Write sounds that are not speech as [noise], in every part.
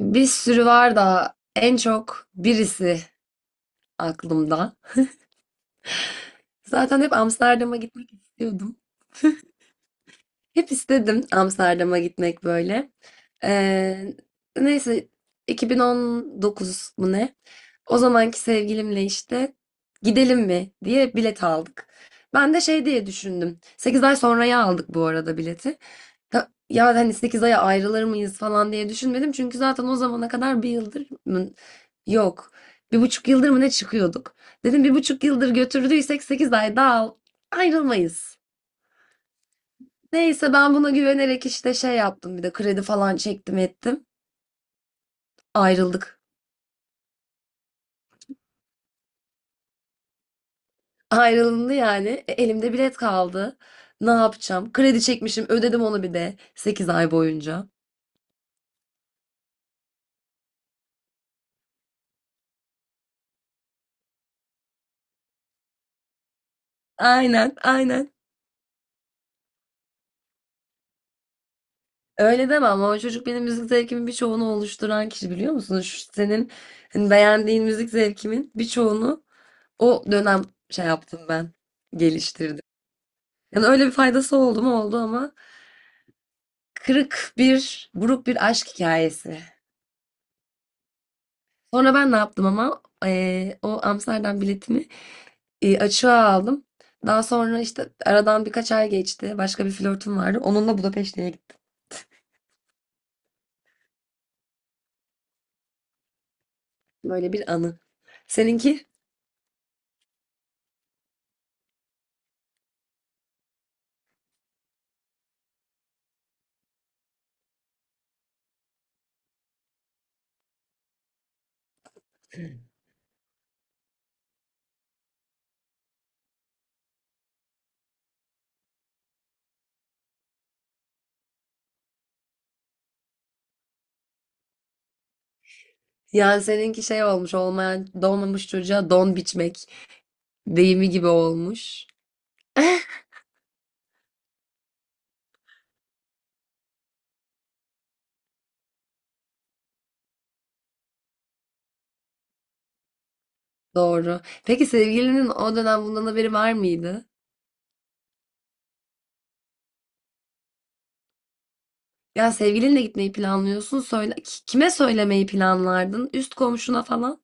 Bir sürü var da en çok birisi aklımda. Zaten hep Amsterdam'a gitmek istiyordum. Hep istedim Amsterdam'a gitmek böyle. Ee, neyse 2019 mu ne? O zamanki sevgilimle işte gidelim mi diye bilet aldık. Ben de şey diye düşündüm. 8 ay sonraya aldık bu arada bileti. Ya hani sekiz aya ayrılır mıyız falan diye düşünmedim. Çünkü zaten o zamana kadar bir yıldır mı? Yok. Bir buçuk yıldır mı ne çıkıyorduk? Dedim bir buçuk yıldır götürdüysek 8 ay daha ayrılmayız. Neyse ben buna güvenerek işte şey yaptım bir de kredi falan çektim ettim. Ayrıldık. [laughs] Ayrılındı yani. E, elimde bilet kaldı. Ne yapacağım? Kredi çekmişim ödedim onu bir de 8 ay boyunca. Aynen aynen. Öyle demem ama o çocuk benim müzik zevkimin birçoğunu oluşturan kişi biliyor musunuz? Şu senin hani beğendiğin müzik zevkimin birçoğunu o dönem şey yaptım ben. Geliştirdim. Yani öyle bir faydası oldu mu oldu ama kırık bir buruk bir aşk hikayesi. Sonra ben ne yaptım ama o Amsterdam biletimi açığa aldım. Daha sonra işte aradan birkaç ay geçti. Başka bir flörtüm vardı. Onunla Budapeşte'ye gittim. Böyle bir anı. Seninki? [laughs] Yani seninki şey olmuş olmayan doğmamış çocuğa don biçmek deyimi gibi olmuş. Doğru. Peki sevgilinin o dönem bundan haberi var mıydı? Ya sevgilinle gitmeyi planlıyorsun. Söyle, kime söylemeyi planlardın? Üst komşuna falan?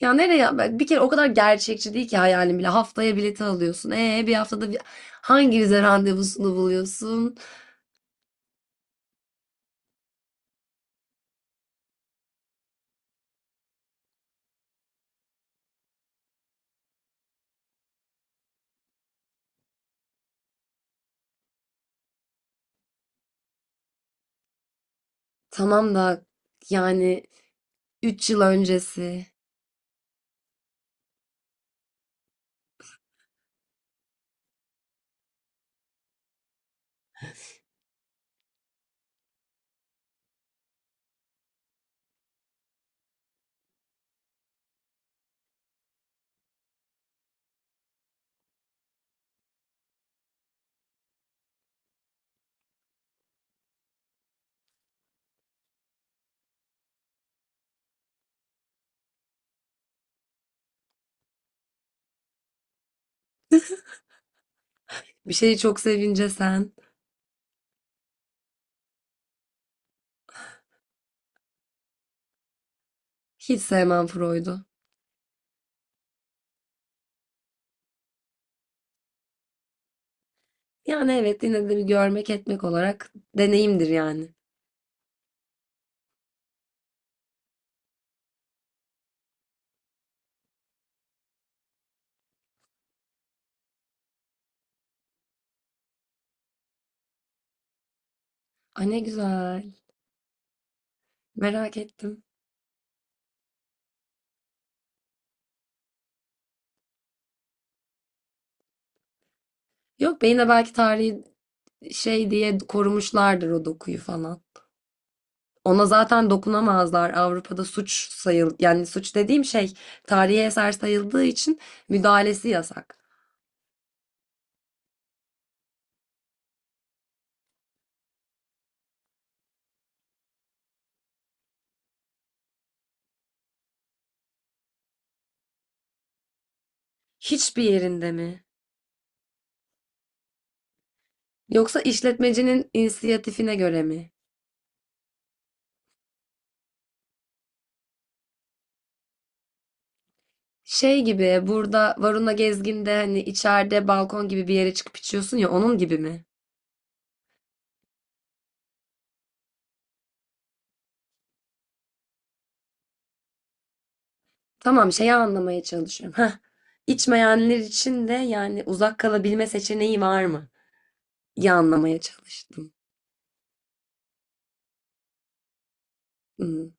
Ya nereye? Bir kere o kadar gerçekçi değil ki hayalin bile. Haftaya bileti alıyorsun. Bir haftada bir hangi vize randevusunu buluyorsun? Tamam da yani 3 yıl öncesi. Bir şeyi çok sevince sen. Hiç sevmem Freud'u. Yani evet yine de bir görmek etmek olarak deneyimdir yani. Ay ne güzel. Merak ettim. Yok be yine belki tarihi şey diye korumuşlardır o dokuyu falan. Ona zaten dokunamazlar. Avrupa'da suç sayıl, yani suç dediğim şey tarihi eser sayıldığı için müdahalesi yasak. Hiçbir yerinde mi? Yoksa işletmecinin inisiyatifine göre mi? Şey gibi burada Varuna Gezgin'de hani içeride balkon gibi bir yere çıkıp içiyorsun ya onun gibi mi? Tamam şeyi anlamaya çalışıyorum. Heh. İçmeyenler için de yani uzak kalabilme seçeneği var mı? İyi anlamaya çalıştım. Hı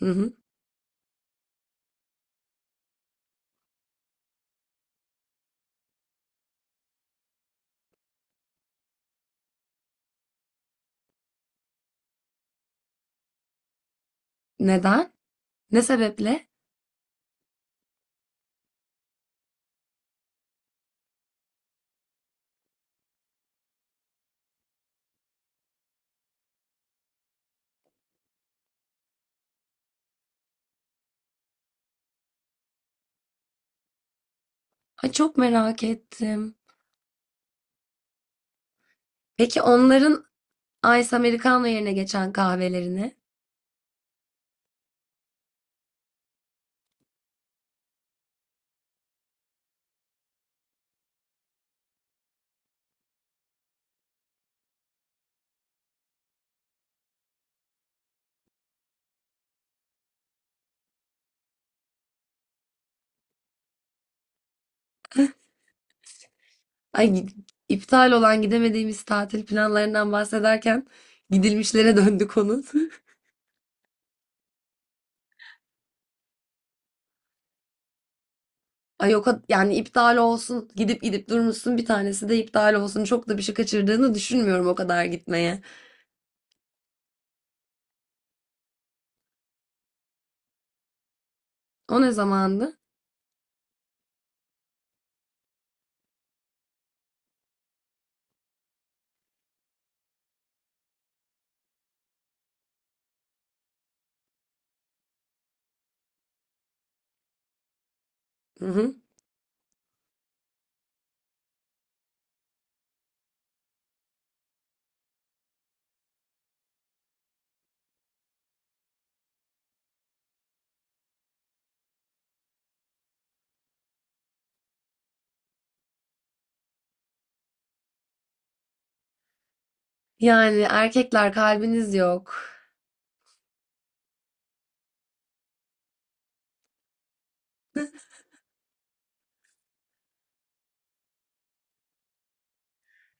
hı. Neden? Ne sebeple? Ay çok merak ettim. Peki onların Ice Americano yerine geçen kahvelerini, ay iptal olan gidemediğimiz tatil planlarından bahsederken gidilmişlere döndü konu. [laughs] Ay yok yani iptal olsun gidip gidip durmuşsun bir tanesi de iptal olsun çok da bir şey kaçırdığını düşünmüyorum o kadar gitmeye. O ne zamandı? Hı hı. Yani erkekler kalbiniz yok.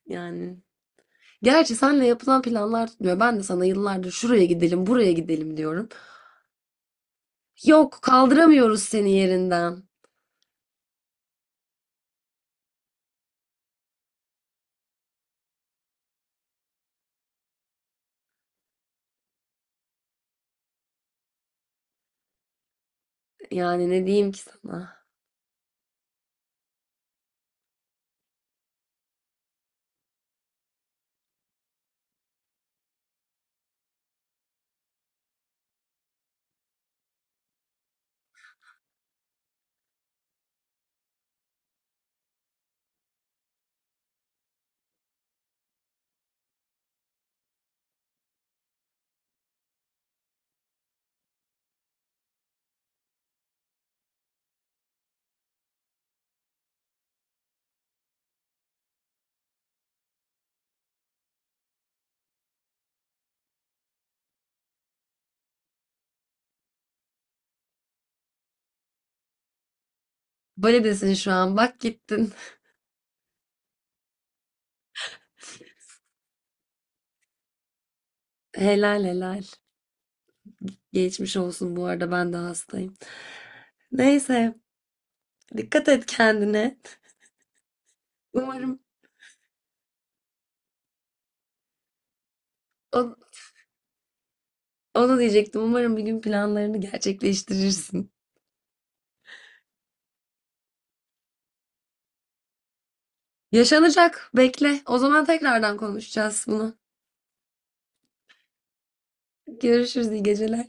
Yani gerçi senle yapılan planlar tutmuyor. Ben de sana yıllardır şuraya gidelim buraya gidelim diyorum. Yok kaldıramıyoruz seni yerinden. Yani ne diyeyim ki sana. Böyle desin şu an bak gittin. [laughs] Helal helal. Geçmiş olsun bu arada ben de hastayım. Neyse dikkat et kendine. Umarım o- onu diyecektim. Umarım bir gün planlarını gerçekleştirirsin. Yaşanacak bekle. O zaman tekrardan konuşacağız bunu. Görüşürüz iyi geceler.